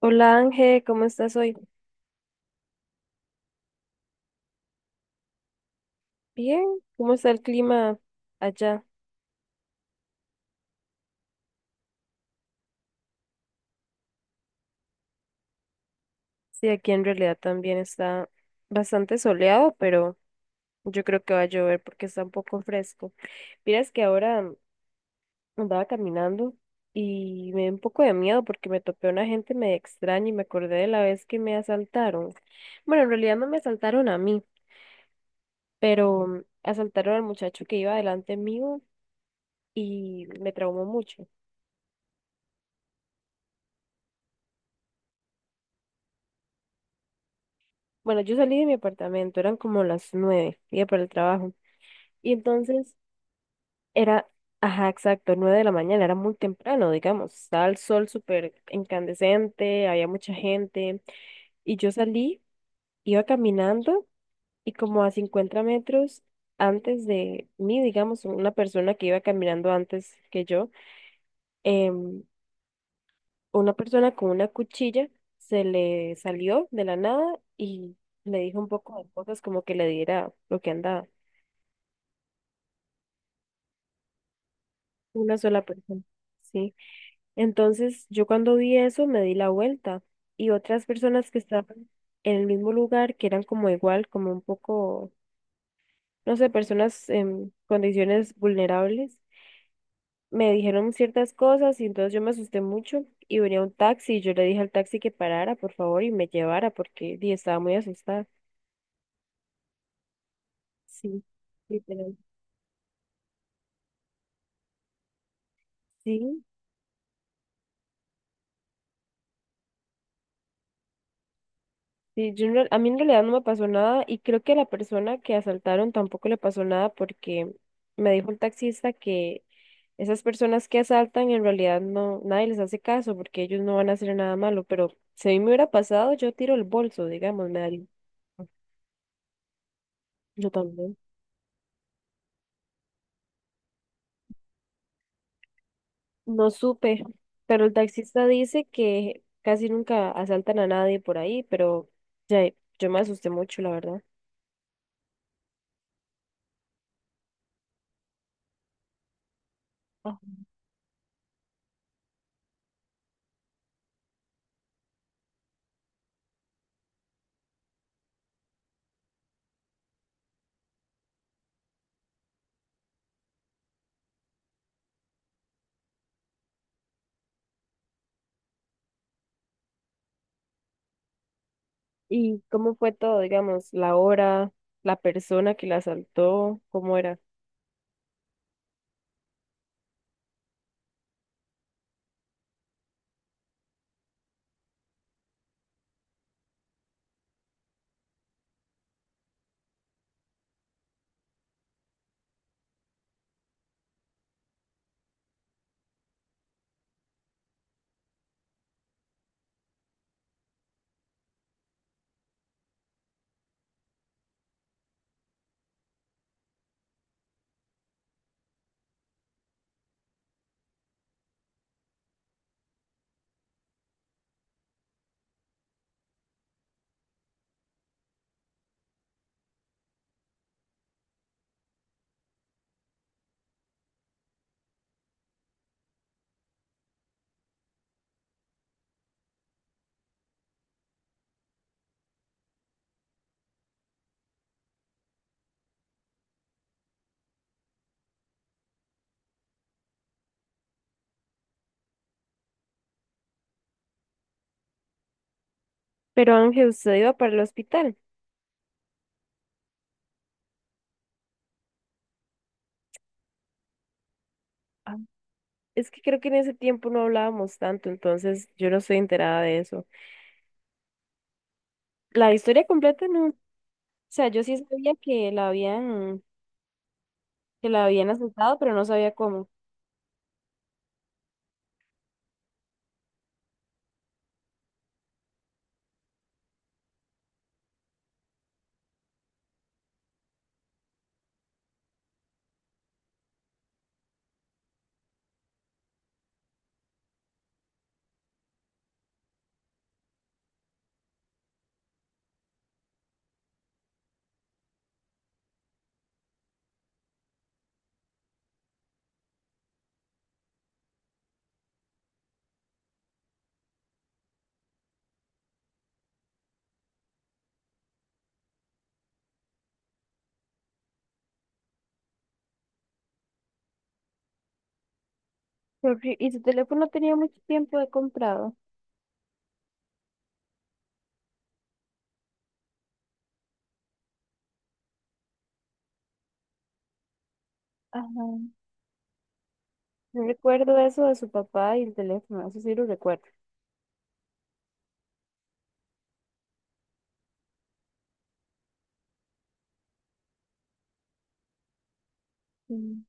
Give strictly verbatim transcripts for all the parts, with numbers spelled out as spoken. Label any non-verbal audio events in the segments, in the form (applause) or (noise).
Hola Ángel, ¿cómo estás hoy? Bien, ¿cómo está el clima allá? Sí, aquí en realidad también está bastante soleado, pero yo creo que va a llover porque está un poco fresco. Mira, es que ahora andaba caminando y me dio un poco de miedo porque me topé a una gente medio extraña y me acordé de la vez que me asaltaron. Bueno, en realidad no me asaltaron a mí, pero asaltaron al muchacho que iba delante mío y me traumó mucho. Bueno, yo salí de mi apartamento, eran como las nueve, iba para el trabajo. Y entonces era, ajá, exacto, nueve de la mañana, era muy temprano, digamos, estaba el sol súper incandescente, había mucha gente, y yo salí, iba caminando, y como a cincuenta metros antes de mí, digamos, una persona que iba caminando antes que yo, em, una persona con una cuchilla se le salió de la nada y le dijo un poco de cosas como que le diera lo que andaba, una sola persona, sí. Entonces, yo cuando vi eso me di la vuelta y otras personas que estaban en el mismo lugar, que eran como igual, como un poco, no sé, personas en condiciones vulnerables, me dijeron ciertas cosas y entonces yo me asusté mucho y venía un taxi y yo le dije al taxi que parara, por favor, y me llevara porque di, estaba muy asustada. Sí, literal. Sí. Sí, yo en real- a mí en realidad no me pasó nada y creo que a la persona que asaltaron tampoco le pasó nada porque me dijo el taxista que esas personas que asaltan en realidad no, nadie les hace caso porque ellos no van a hacer nada malo, pero si a mí me hubiera pasado, yo tiro el bolso, digamos, me daría. (laughs) Yo también. No supe, pero el taxista dice que casi nunca asaltan a nadie por ahí, pero ya, yo me asusté mucho, la verdad. ¿Y cómo fue todo, digamos, la hora, la persona que la asaltó, cómo era? Pero Ángel, usted iba para el hospital. Ah. Es que creo que en ese tiempo no hablábamos tanto, entonces yo no estoy enterada de eso. La historia completa no. O sea, yo sí sabía que la habían, que la habían asaltado, pero no sabía cómo. Porque... Y su teléfono tenía mucho tiempo de comprado. Ajá. Yo recuerdo eso de su papá y el teléfono, eso sí lo recuerdo. Sí,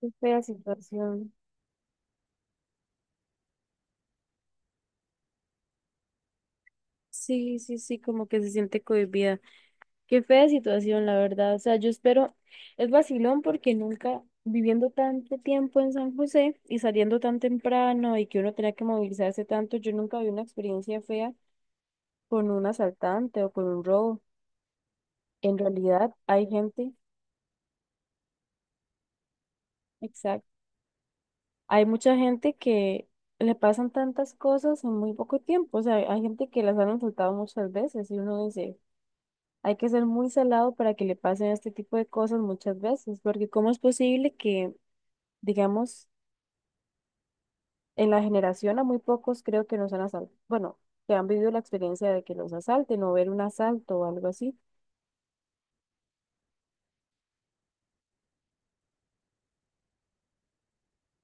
qué fea situación. Sí, sí, sí, como que se siente cohibida. Qué fea situación, la verdad. O sea, yo espero, es vacilón porque nunca viviendo tanto tiempo en San José y saliendo tan temprano y que uno tenía que movilizarse tanto, yo nunca vi una experiencia fea con un asaltante o con un robo. En realidad hay gente, exacto, hay mucha gente que le pasan tantas cosas en muy poco tiempo. O sea, hay gente que las han asaltado muchas veces y uno dice, hay que ser muy salado para que le pasen este tipo de cosas muchas veces, porque ¿cómo es posible que, digamos, en la generación a muy pocos creo que nos han asaltado, bueno, que han vivido la experiencia de que los asalten o ver un asalto o algo así?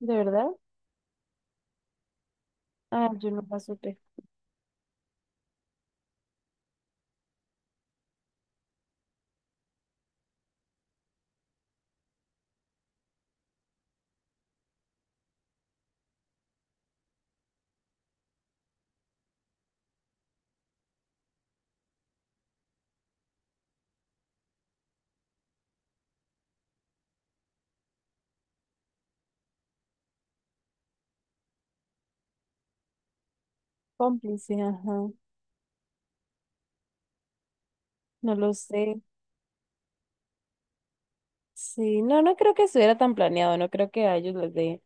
¿De verdad? Ah, yo no la supe. Cómplice, ajá. No lo sé. Sí, no, no creo que estuviera tan planeado, no creo que a ellos les dé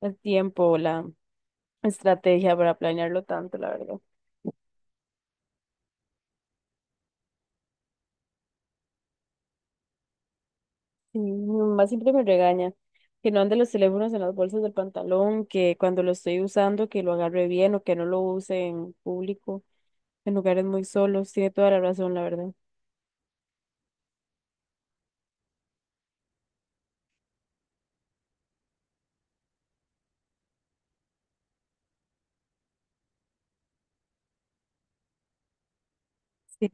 el tiempo o la estrategia para planearlo tanto, la verdad. Sí, mi mamá siempre me regaña que no ande los teléfonos en las bolsas del pantalón, que cuando lo estoy usando, que lo agarre bien o que no lo use en público, en lugares muy solos. Tiene toda la razón, la verdad. Sí.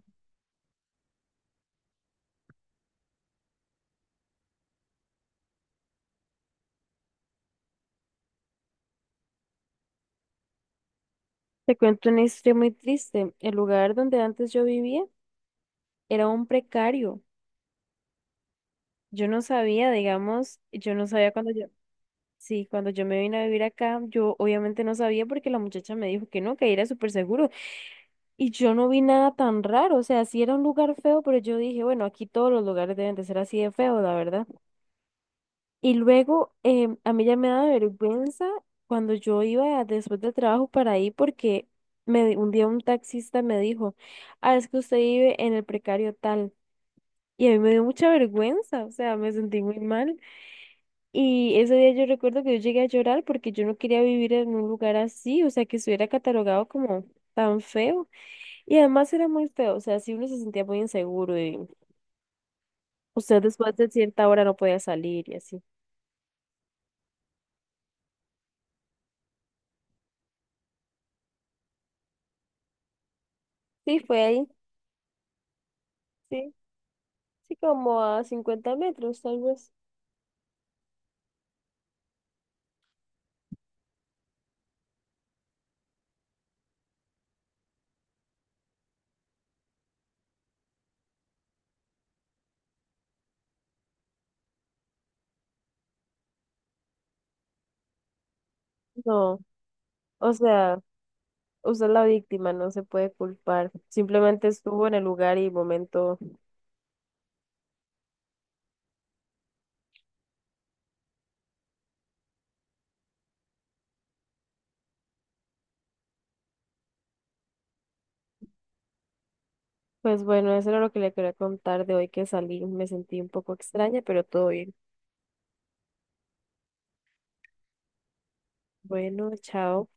Te cuento una historia muy triste. El lugar donde antes yo vivía era un precario. Yo no sabía, digamos, yo no sabía cuando yo, sí, cuando yo me vine a vivir acá, yo obviamente no sabía porque la muchacha me dijo que no, que era súper seguro. Y yo no vi nada tan raro, o sea, sí era un lugar feo, pero yo dije, bueno, aquí todos los lugares deben de ser así de feo, la verdad. Y luego em, a mí ya me daba vergüenza cuando yo iba después del trabajo para ahí porque me, di- un día un taxista me dijo, ah, es que usted vive en el precario tal. Y a mí me dio mucha vergüenza, o sea, me sentí muy mal. Y ese día yo recuerdo que yo llegué a llorar porque yo no quería vivir en un lugar así, o sea, que estuviera catalogado como tan feo. Y además era muy feo, o sea, si uno se sentía muy inseguro y usted después de cierta hora no podía salir y así. Sí, fue ahí. Sí, como a cincuenta metros, tal vez. No, o sea, usted es la víctima, no se puede culpar. Simplemente estuvo en el lugar y momento. Pues bueno, eso era lo que le quería contar de hoy que salí. Me sentí un poco extraña, pero todo bien. Bueno, chao.